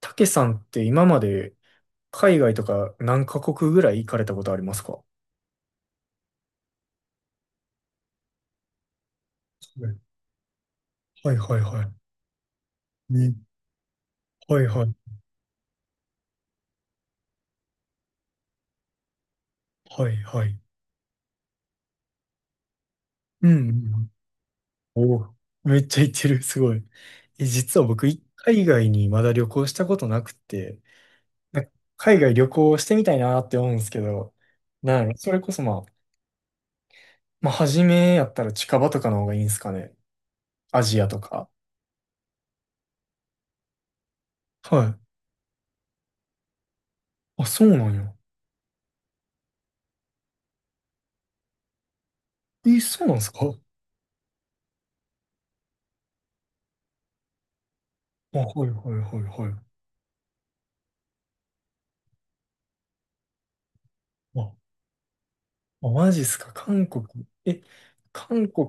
たけさんって今まで海外とか何カ国ぐらい行かれたことありますか？はいはいはい。ね、はいはいはいはい。うんうん。おお、めっちゃ行ってる、すごい。え、実は僕、海外にまだ旅行したことなくて、なんか海外旅行してみたいなって思うんですけど、なんやろそれこそまあ、まあ、初めやったら近場とかの方がいいんですかね。アジアとか。はい。あ、そうなんや。え、そうなんですかあ、はいはいはいはい。ああ、マジっすか、韓国。え、韓国、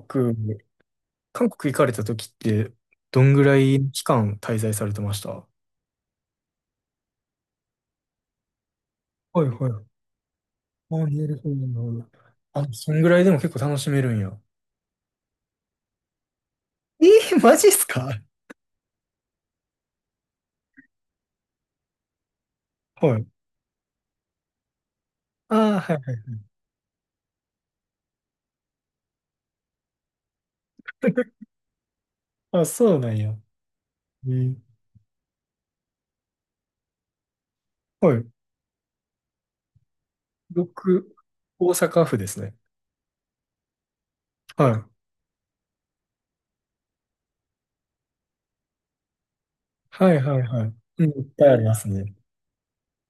韓国行かれた時って、どんぐらい期間滞在されてました？はいはい。あ、なるほど、なるほど。あ、そんぐらいでも結構楽しめるんや。マジっすか？はい。あーはい。あ、そうなんや。えーはい。僕、大阪府ですね。はい。はいはいはい。うん、いっぱいありますね。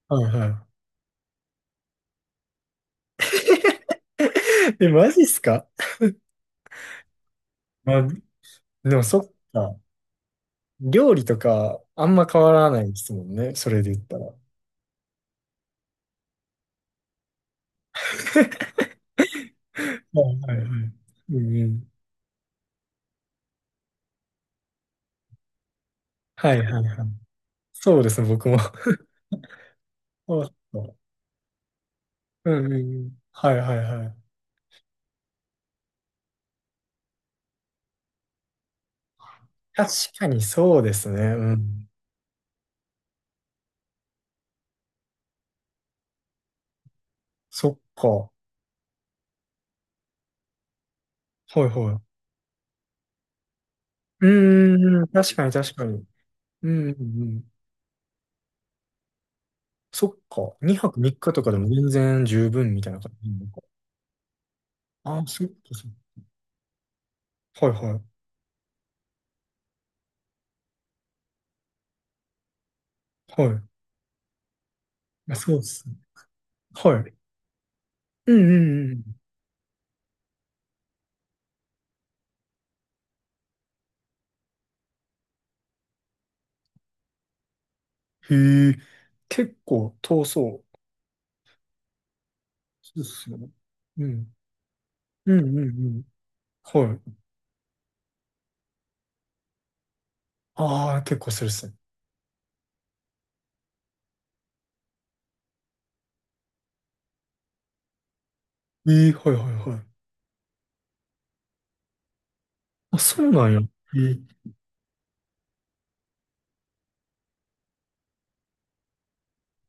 はいはい。え、マジっすか？まあ、でもそっか。料理とか、あんま変わらないですもんね。それで言ったら。はいはいはい。うんうん。はいはいはい。そうですね、僕も。そうそううんうんうん。はいはいはい。確かにそうですね。うん。そっか。はいはい。うーん、確かに確かに。うんうんうん。そっか。2泊3日とかでも全然十分みたいな感じなのか。ああ、そっかそっか。はいはい。はい。まあ、そうですね。はい。うんうんうん。へえ、結構遠そう。そうですよね。うん。うんうんうん。はい。ああ、結構するっすね。ええ、はいはいはい。あ、そうなんや。ええ、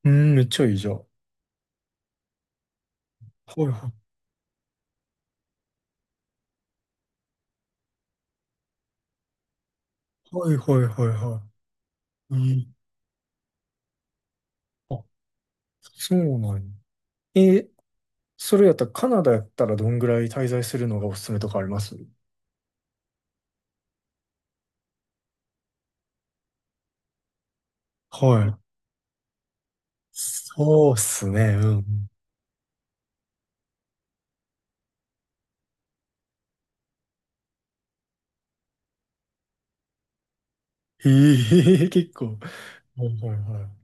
うん、めっちゃいいじゃん。はいはい。はいはいはいはい。ええ、あ、そうなんや。ええ、それやったらカナダやったらどんぐらい滞在するのがおすすめとかあります？はい。そうっすね、うん。ええ、結構。はいはいは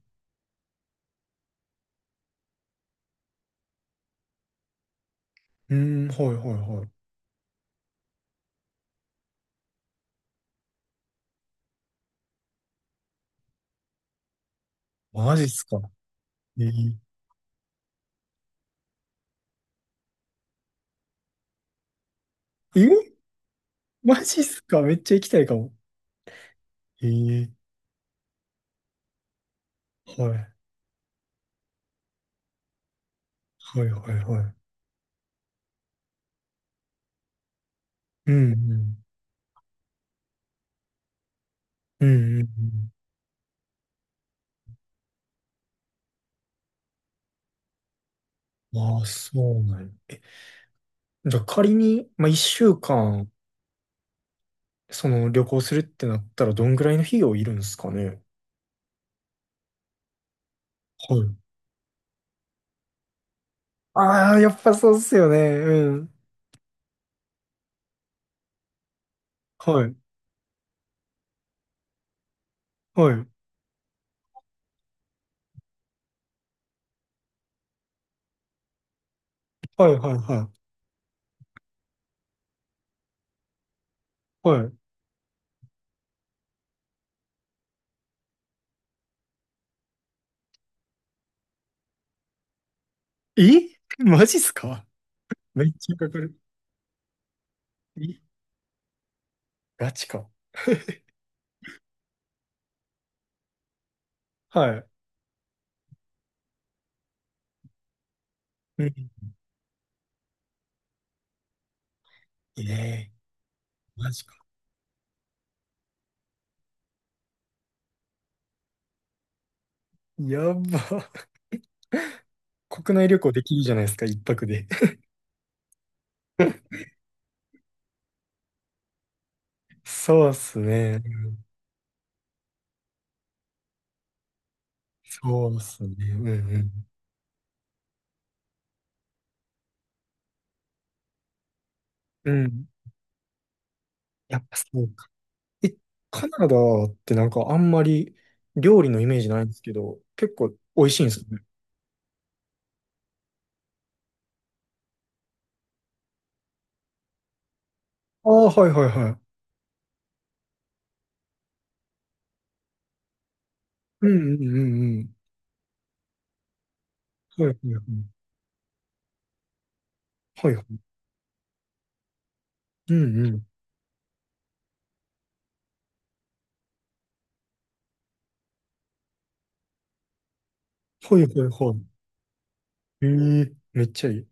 い。うん、はいはいはい。マジっすか。ええ、ええマジっすか？めっちゃ行きたいかも。ええはい、はい、はい、はい。うん、うん、うん、うんうん。ああ、そうなんや。え、じゃあ仮に、まあ、一週間、その旅行するってなったら、どんぐらいの費用いるんですかね？はい。ああ、やっぱそうっすよね。うん。はい、はい、はい、はい、はい。はい。え、マジっすか？めっちゃかかる。え、ガチか。はい。うん。ええ、マジか。やば。国内旅行できるじゃないですか、一泊で。そうっすね。うん、そうっすね。うんうん。うん。やっぱそうか。え、カナダってなんかあんまり料理のイメージないんですけど、結構美味しいんですよね。ああ、はいはいはい。うんうんうんうん。はいはいはい。はいはい。うんうん。はいはいはい。ええ、めっちゃいい。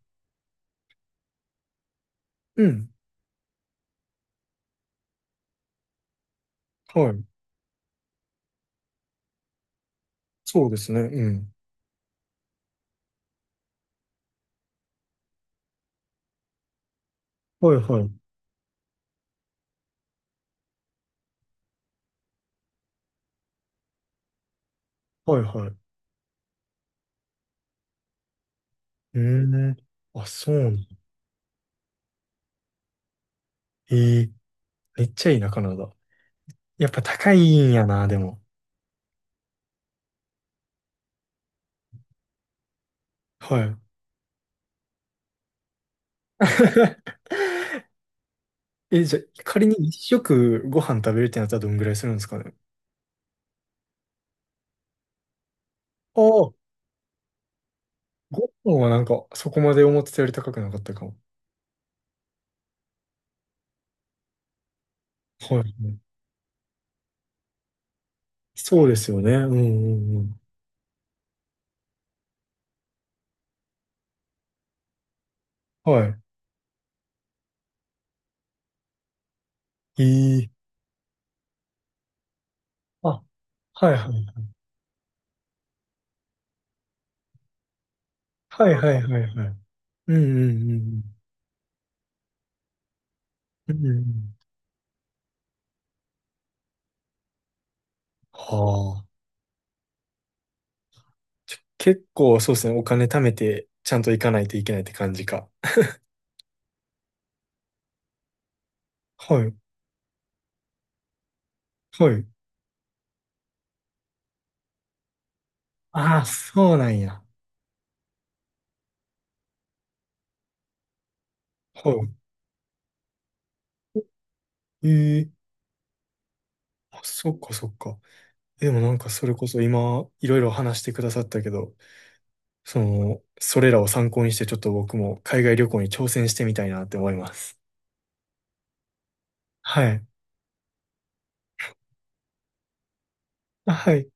うん。はい。そうですね。うん。はいはい。はいはい。うん。あ、そうなの。ええ、めっちゃいいな、カナダ。やっぱ高いんやな、でも。はい。え、じゃあ、仮に一食ご飯食べるってなったらどんぐらいするんですかね。ああ、ご飯はなんか、そこまで思ってたより高くなかったかも。はい。そうですよね。うんうんうん。はい。ええ、あ、はいはい。はいはいはいはい。うんうんうんうん。うんうん。はあ。結構そうですね。お金貯めて、ちゃんと行かないといけないって感じか。はい。はい。ああ、そうなんや。はい。ええ、あ、そっかそっか。でもなんかそれこそ今いろいろ話してくださったけど、その、それらを参考にしてちょっと僕も海外旅行に挑戦してみたいなって思います。はい。あはい。